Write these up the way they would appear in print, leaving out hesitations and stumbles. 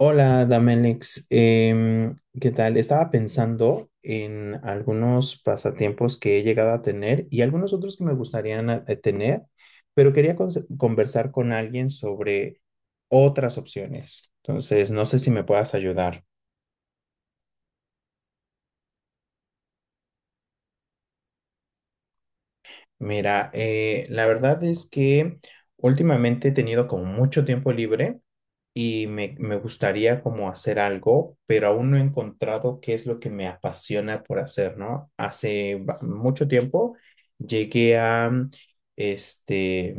Hola, Damelix. ¿Qué tal? Estaba pensando en algunos pasatiempos que he llegado a tener y algunos otros que me gustaría tener, pero quería conversar con alguien sobre otras opciones. Entonces, no sé si me puedas ayudar. Mira, la verdad es que últimamente he tenido como mucho tiempo libre y me gustaría como hacer algo, pero aún no he encontrado qué es lo que me apasiona por hacer, ¿no? Hace mucho tiempo llegué a, este,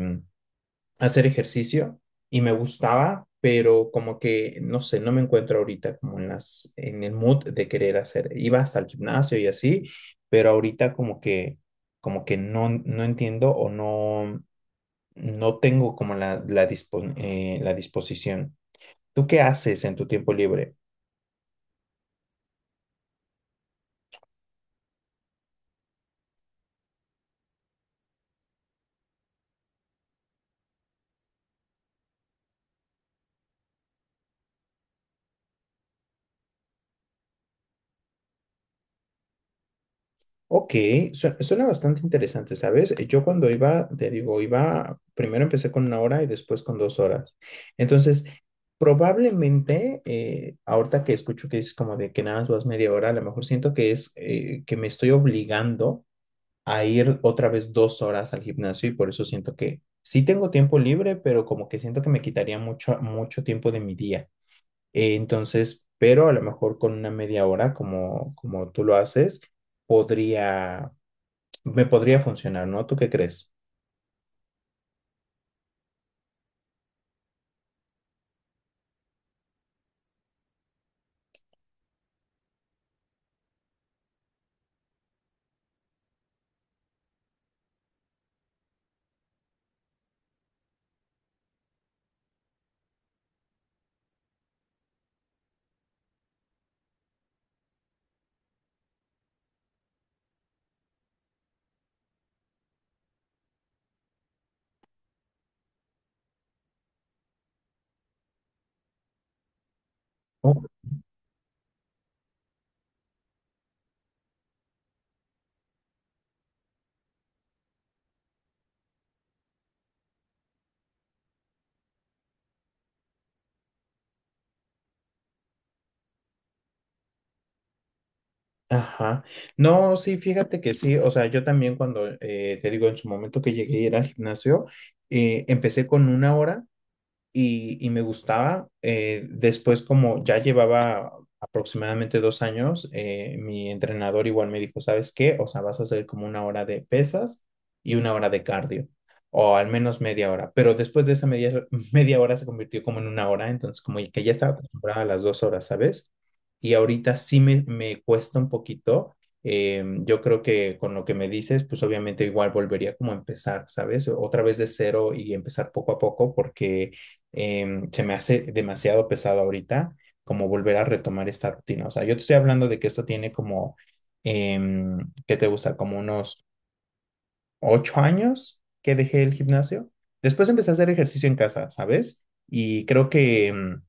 hacer ejercicio y me gustaba, pero como que, no sé, no me encuentro ahorita como en el mood de querer hacer. Iba hasta el gimnasio y así, pero ahorita como que no, no entiendo o no, no tengo como la disposición. ¿Tú qué haces en tu tiempo libre? Ok, suena bastante interesante, ¿sabes? Yo cuando iba, te digo, iba, primero empecé con una hora y después con 2 horas. Entonces, probablemente, ahorita que escucho que es como de que nada más vas media hora, a lo mejor siento que es que me estoy obligando a ir otra vez 2 horas al gimnasio y por eso siento que sí tengo tiempo libre, pero como que siento que me quitaría mucho, mucho tiempo de mi día. Entonces, pero a lo mejor con una media hora, como tú lo haces podría, me podría funcionar, ¿no? ¿Tú qué crees? Oh, ajá. No, sí, fíjate que sí. O sea, yo también cuando te digo en su momento que llegué a ir al gimnasio, empecé con una hora y me gustaba. Después, como ya llevaba aproximadamente 2 años, mi entrenador igual me dijo, ¿sabes qué? O sea, vas a hacer como una hora de pesas y una hora de cardio, o al menos media hora. Pero después de esa media, media hora se convirtió como en una hora, entonces como que ya estaba acostumbrada a las 2 horas, ¿sabes? Y ahorita sí me cuesta un poquito. Yo creo que con lo que me dices, pues obviamente igual volvería como a empezar, ¿sabes? Otra vez de cero y empezar poco a poco, porque se me hace demasiado pesado ahorita como volver a retomar esta rutina. O sea, yo te estoy hablando de que esto tiene como, eh, ¿qué te gusta? Como unos 8 años que dejé el gimnasio. Después empecé a hacer ejercicio en casa, ¿sabes? Y creo que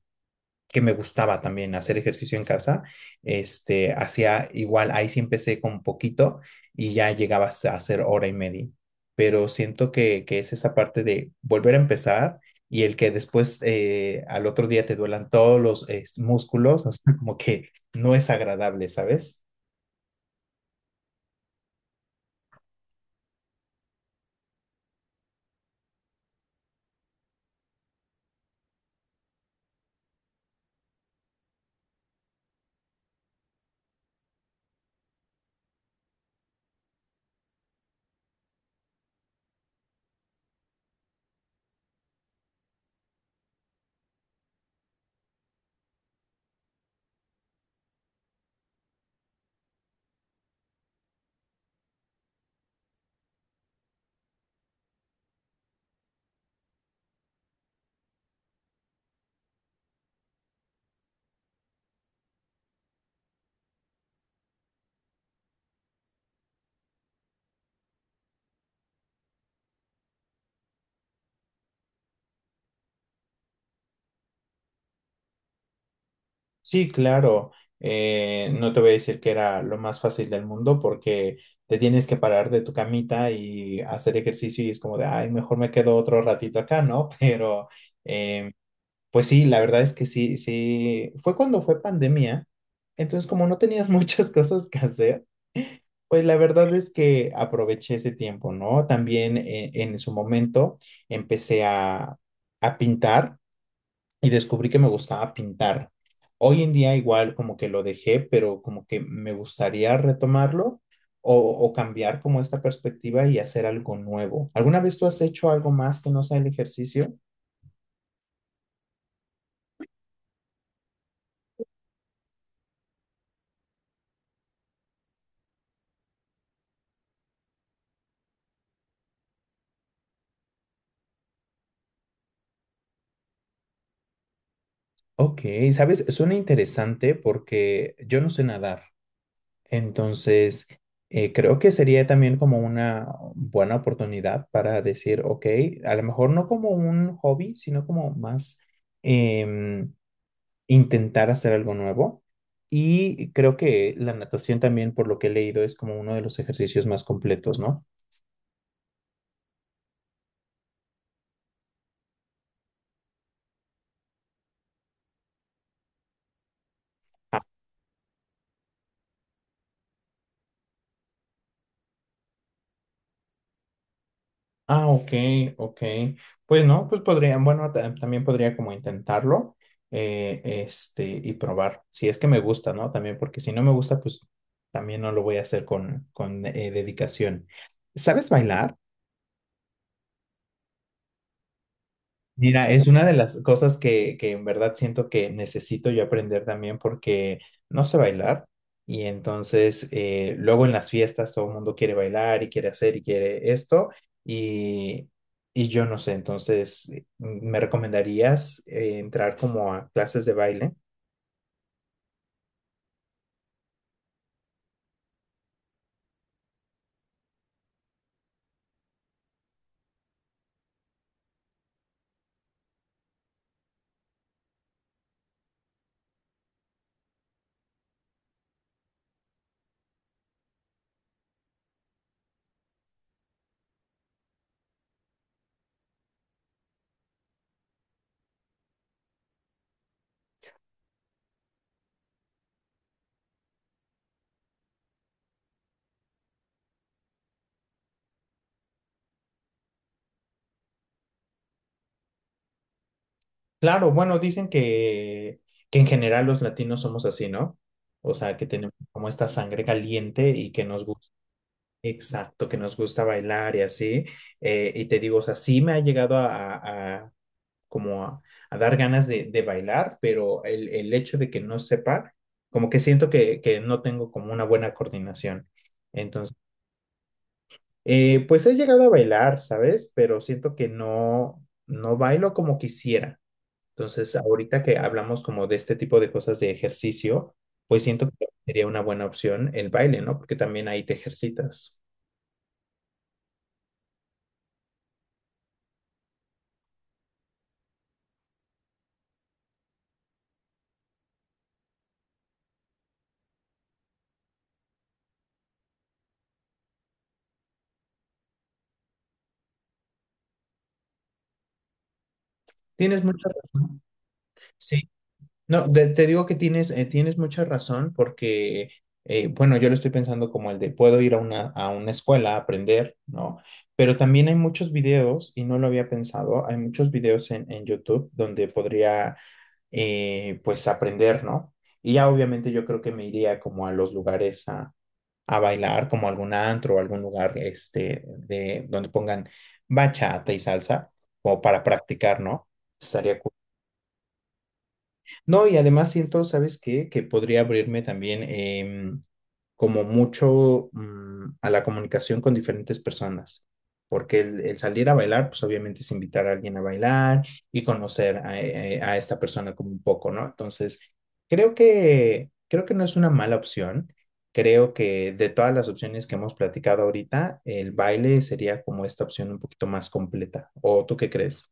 que me gustaba también hacer ejercicio en casa. Hacía igual, ahí sí empecé con poquito y ya llegaba a hacer hora y media. Pero siento que es esa parte de volver a empezar y el que después al otro día te duelan todos los músculos, o sea, como que no es agradable, ¿sabes? Sí, claro. No te voy a decir que era lo más fácil del mundo porque te tienes que parar de tu camita y hacer ejercicio y es como de, ay, mejor me quedo otro ratito acá, ¿no? Pero, eh, pues sí, la verdad es que sí, sí, fue cuando fue pandemia. Entonces, como no tenías muchas cosas que hacer, pues la verdad es que aproveché ese tiempo, ¿no? También en su momento empecé a pintar y descubrí que me gustaba pintar. Hoy en día igual como que lo dejé, pero como que me gustaría retomarlo o cambiar como esta perspectiva y hacer algo nuevo. ¿Alguna vez tú has hecho algo más que no sea el ejercicio? Ok, sabes, suena interesante porque yo no sé nadar, entonces creo que sería también como una buena oportunidad para decir, ok, a lo mejor no como un hobby, sino como más em, intentar hacer algo nuevo. Y creo que la natación también, por lo que he leído, es como uno de los ejercicios más completos, ¿no? Ah, ah, ok, ok. Pues no, pues podrían, bueno, también podría como intentarlo, y probar, si es que me gusta, ¿no? También, porque si no me gusta, pues también no lo voy a hacer con dedicación. ¿Sabes bailar? Mira, es una de las cosas que en verdad siento que necesito yo aprender también porque no sé bailar y entonces luego en las fiestas todo el mundo quiere bailar y quiere hacer y quiere esto y, y yo no sé, entonces ¿me recomendarías entrar como a clases de baile? Claro, bueno, dicen que en general los latinos somos así, ¿no? O sea, que tenemos como esta sangre caliente y que nos gusta. Exacto, que nos gusta bailar y así. Y te digo, o sea, sí me ha llegado a- a- como a, a dar ganas de bailar, pero el hecho de que no sepa, como que siento que no tengo como una buena coordinación. Entonces, pues he llegado a bailar, ¿sabes? Pero siento que no, no bailo como quisiera. Entonces, ahorita que hablamos como de este tipo de cosas de ejercicio, pues siento que sería una buena opción el baile, ¿no? Porque también ahí te ejercitas. Tienes mucha razón. Sí, no, te digo que tienes, tienes mucha razón porque, bueno, yo lo estoy pensando como el de puedo ir a una escuela a aprender, ¿no? Pero también hay muchos videos, y no lo había pensado, hay muchos videos en YouTube donde podría, pues, aprender, ¿no? Y ya obviamente yo creo que me iría como a los lugares a bailar, como algún antro o algún lugar, donde pongan bachata y salsa, como para practicar, ¿no? Estaría cool. No, y además siento, ¿sabes qué? Que podría abrirme también como mucho a la comunicación con diferentes personas, porque el salir a bailar, pues obviamente es invitar a alguien a bailar y conocer a esta persona como un poco, ¿no? Entonces, creo que no es una mala opción. Creo que de todas las opciones que hemos platicado ahorita, el baile sería como esta opción un poquito más completa. ¿O tú qué crees?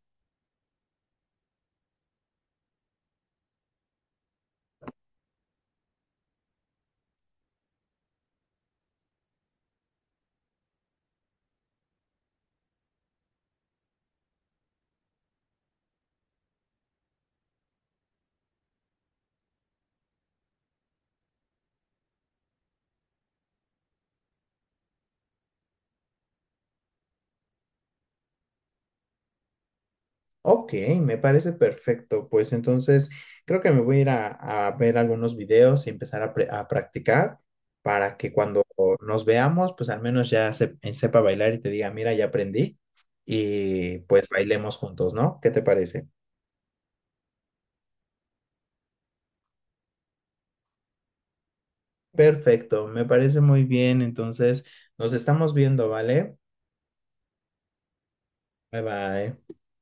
Ok, me parece perfecto. Pues entonces creo que me voy a ir a ver algunos videos y empezar a practicar para que cuando nos veamos, pues al menos ya sepa bailar y te diga, mira, ya aprendí y pues bailemos juntos, ¿no? ¿Qué te parece? Perfecto, me parece muy bien. Entonces nos estamos viendo, ¿vale? Bye bye.